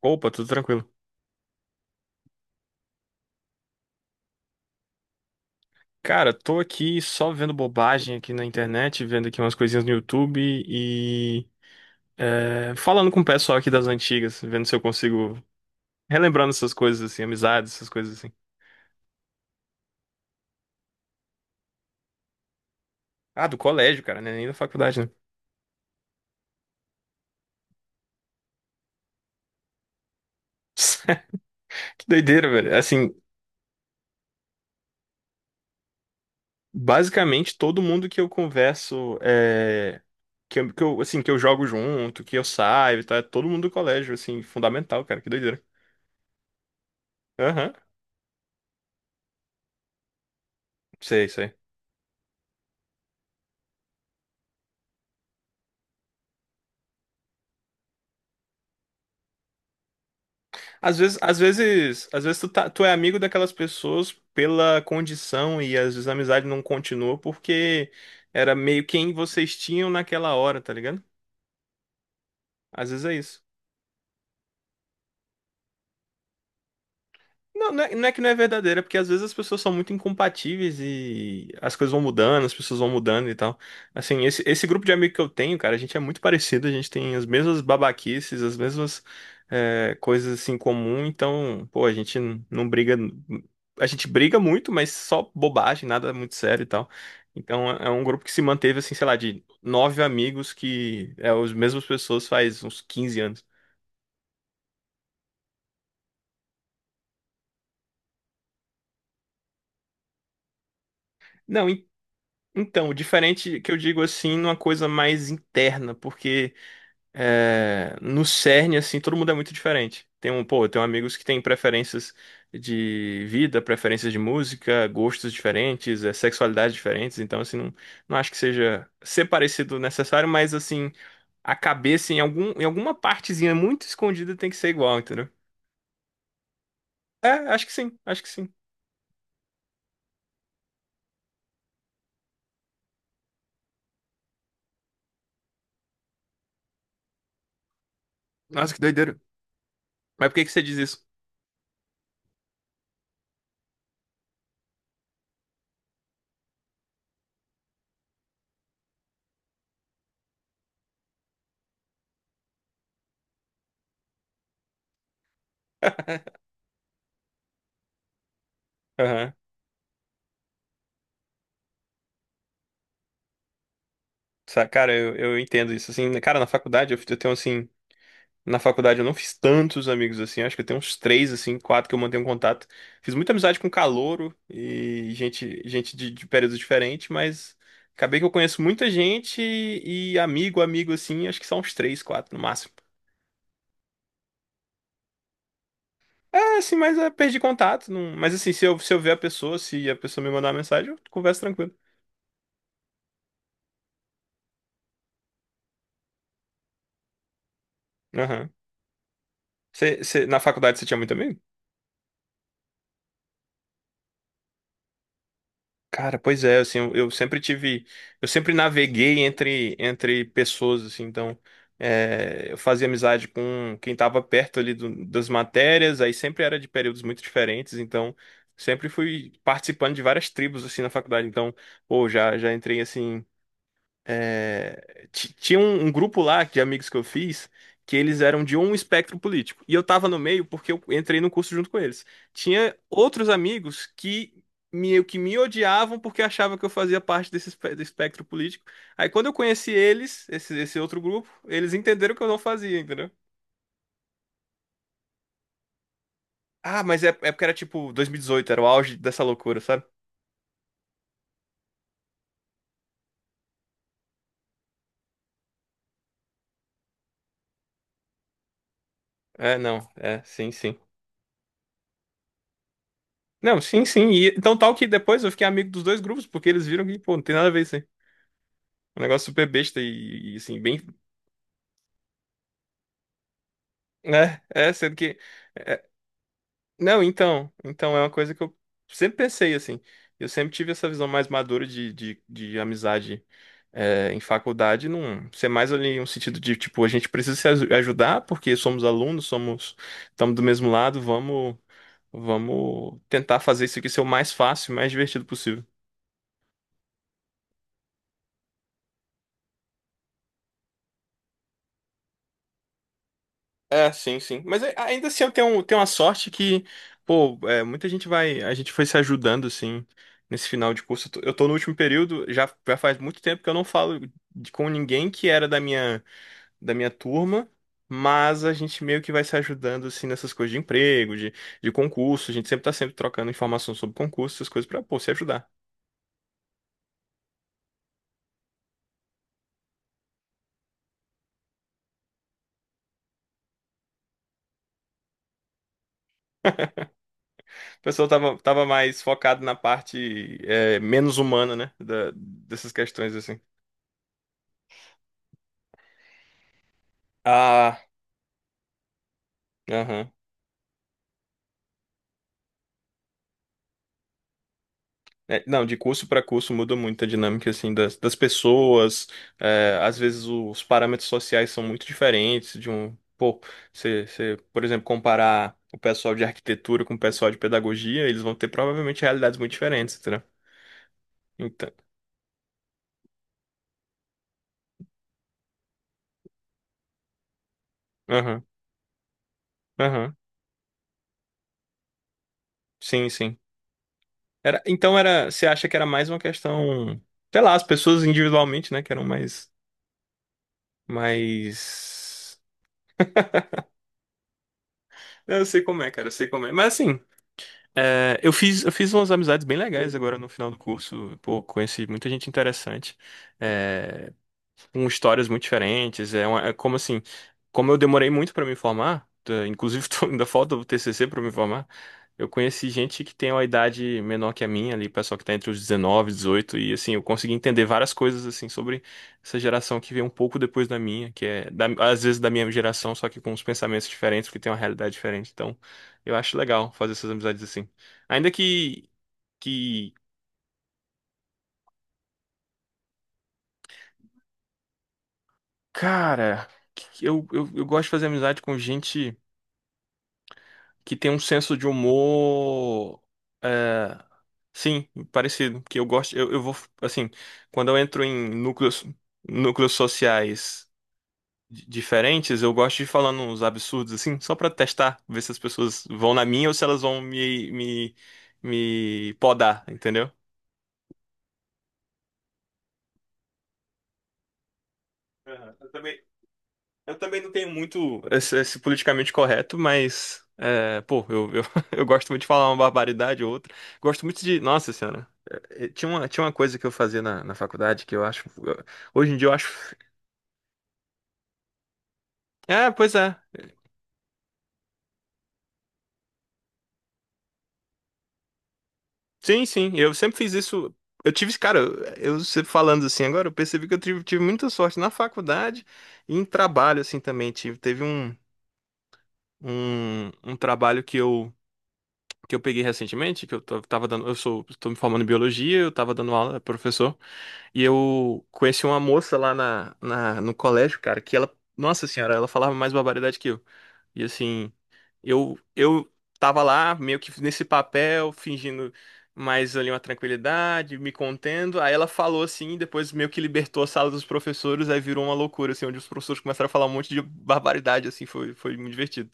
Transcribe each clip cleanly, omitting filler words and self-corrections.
Opa, tudo tranquilo. Cara, tô aqui só vendo bobagem aqui na internet, vendo aqui umas coisinhas no YouTube e falando com o pessoal aqui das antigas, vendo se eu consigo relembrando essas coisas assim, amizades, essas coisas assim. Ah, do colégio, cara, né? Nem da faculdade, né? Que doideira, velho. Assim, basicamente todo mundo que eu converso que eu, assim, que eu jogo junto, que eu saio e tal, é todo mundo do colégio, assim, fundamental, cara, que doideira. Aham, sei, sei. Às vezes tu é amigo daquelas pessoas pela condição e às vezes a amizade não continua porque era meio quem vocês tinham naquela hora, tá ligado? Às vezes é isso. Não, não é que não é verdadeira, é porque às vezes as pessoas são muito incompatíveis e as coisas vão mudando, as pessoas vão mudando e tal. Assim, esse grupo de amigo que eu tenho, cara, a gente é muito parecido, a gente tem as mesmas babaquices, as mesmas coisas assim em comum, então, pô, não briga. A gente briga muito, mas só bobagem, nada muito sério e tal. Então é um grupo que se manteve, assim, sei lá, de 9 amigos que é as mesmas pessoas faz uns 15 anos. Não, então, diferente que eu digo assim, numa coisa mais interna, porque no CERN, assim, todo mundo é muito diferente. Tem um, pô, eu tenho amigos que têm preferências de vida, preferências de música, gostos diferentes, sexualidades diferentes, então, assim, não, não acho que seja ser parecido necessário, mas, assim, a cabeça em alguma partezinha muito escondida tem que ser igual, entendeu? É, acho que sim, acho que sim. Nossa, que doideira. Mas por que que você diz isso? Aham. Cara, eu entendo isso. Assim, cara, na faculdade eu tenho assim. Na faculdade eu não fiz tantos amigos assim, acho que eu tenho uns três, assim, quatro que eu mantenho contato. Fiz muita amizade com calouro e gente, gente de períodos diferentes, mas acabei que eu conheço muita gente e amigo, amigo, assim, acho que são uns três, quatro no máximo. É, assim, mas é, perdi contato. Não, mas assim, se eu ver a pessoa, se a pessoa me mandar uma mensagem, eu converso tranquilo. Aham. Na faculdade você tinha muito amigo? Cara, pois é, assim, eu sempre tive, eu sempre naveguei entre pessoas, assim, então eu fazia amizade com quem estava perto ali das matérias, aí sempre era de períodos muito diferentes, então sempre fui participando de várias tribos assim na faculdade, então, pô, já entrei assim tinha um, um grupo lá de amigos que eu fiz que eles eram de um espectro político. E eu tava no meio porque eu entrei no curso junto com eles. Tinha outros amigos que me odiavam porque achavam que eu fazia parte do espectro político. Aí quando eu conheci eles, esse outro grupo, eles entenderam que eu não fazia, entendeu? Ah, mas é porque era tipo 2018 era o auge dessa loucura, sabe? É, não, é, sim, sim. Não, sim, sim. E então, tal que depois eu fiquei amigo dos dois grupos, porque eles viram que, pô, não tem nada a ver isso aí. Um negócio super besta assim, bem. Né? É, sendo que. é- Não, então. Então é uma coisa que eu sempre pensei, assim. Eu sempre tive essa visão mais madura de amizade em faculdade, num, ser mais ali um sentido de, tipo, a gente precisa se aju- ajudar, porque somos alunos, somos. Estamos do mesmo lado, vamos. Vamos tentar fazer isso aqui ser o mais fácil, mais divertido possível. É, sim, sim. Mas ainda assim eu tenho, tenho uma sorte que, pô, é, muita gente vai. A gente foi se ajudando, assim, nesse final de curso. Eu tô no último período, já faz muito tempo que eu não falo com ninguém que era da minha turma, mas a gente meio que vai se ajudando, assim, nessas coisas de emprego, de concurso. A gente sempre tá sempre trocando informação sobre concurso, essas coisas pra, pô, se ajudar. O pessoal tava mais focado na parte, é, menos humana, né? Dessas questões, assim. Ah, aham. É, não, de curso para curso muda muito a dinâmica assim das pessoas. É, às vezes os parâmetros sociais são muito diferentes de um, pô, você, por exemplo, comparar o pessoal de arquitetura com o pessoal de pedagogia, eles vão ter provavelmente realidades muito diferentes, entendeu? Então, aham, aham, sim, sim. Era, então era, você acha que era mais uma questão, sei lá, as pessoas individualmente, né, que eram mais, mais. Eu sei como é, cara, eu sei como é. Mas assim, é, eu fiz umas amizades bem legais agora no final do curso. Pô, conheci muita gente interessante. É, com histórias muito diferentes. É, como assim, como eu demorei muito pra me formar, tá, inclusive ainda falta o TCC pra me formar. Eu conheci gente que tem uma idade menor que a minha ali, pessoal que tá entre os 19, 18 e assim, eu consegui entender várias coisas assim sobre essa geração que veio um pouco depois da minha, que é às vezes da minha geração, só que com uns pensamentos diferentes, porque tem uma realidade diferente. Então, eu acho legal fazer essas amizades assim. Ainda que cara, que eu gosto de fazer amizade com gente que tem um senso de humor. É, sim, parecido. Que eu gosto. Eu vou. Assim, quando eu entro em núcleos sociais diferentes, eu gosto de ir falando uns absurdos, assim, só pra testar, ver se as pessoas vão na minha ou se elas vão me podar, entendeu? Aham. Eu também. Eu também não tenho muito esse politicamente correto, mas, é, pô, eu gosto muito de falar uma barbaridade ou outra. Gosto muito de. Nossa Senhora. Tinha uma coisa que eu fazia na faculdade que eu acho. Hoje em dia eu acho. É, pois é. Sim, sim. Eu sempre fiz isso. Eu tive, cara, eu sempre falando assim agora, eu percebi que tive muita sorte na faculdade e em trabalho, assim, também. Teve um trabalho que eu. Que eu peguei recentemente, que eu tava dando, eu sou, tô me formando em biologia, eu tava dando aula, professor, e eu conheci uma moça lá no colégio, cara, que ela, nossa senhora, ela falava mais barbaridade que eu. E assim, eu tava lá meio que nesse papel, fingindo mais ali uma tranquilidade, me contendo. Aí ela falou assim, e depois meio que libertou a sala dos professores, aí virou uma loucura, assim, onde os professores começaram a falar um monte de barbaridade, assim, foi muito divertido.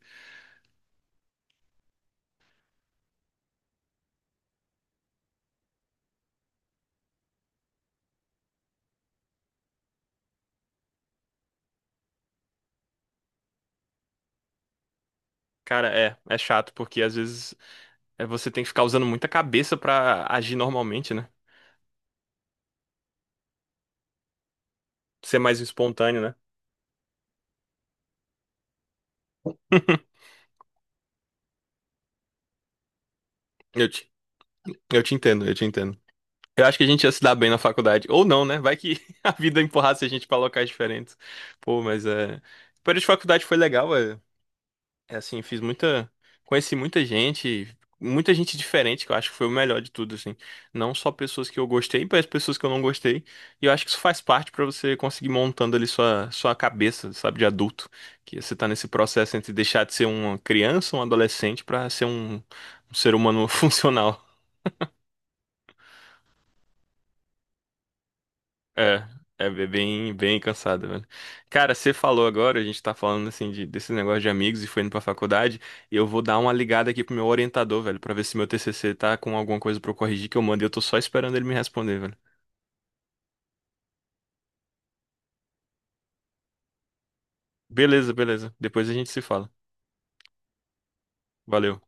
Cara, é chato, porque às vezes é, você tem que ficar usando muita cabeça pra agir normalmente, né? Ser mais espontâneo, né? Eu te, eu te entendo, eu te entendo. Eu acho que a gente ia se dar bem na faculdade. Ou não, né? Vai que a vida empurrasse a gente pra locais diferentes. Pô, mas é. O período de faculdade foi legal, é. É assim, fiz muita. Conheci muita gente diferente, que eu acho que foi o melhor de tudo, assim. Não só pessoas que eu gostei, mas pessoas que eu não gostei. E eu acho que isso faz parte pra você conseguir montando ali sua, sua cabeça, sabe, de adulto. Que você tá nesse processo entre deixar de ser uma criança, um adolescente, pra ser um ser humano funcional. É, bem, bem cansado, velho. Cara, você falou agora, a gente tá falando assim de, desse negócio de amigos e foi indo pra faculdade, e eu vou dar uma ligada aqui pro meu orientador, velho, pra ver se meu TCC tá com alguma coisa pra eu corrigir que eu mandei, eu tô só esperando ele me responder, velho. Beleza, beleza. Depois a gente se fala. Valeu.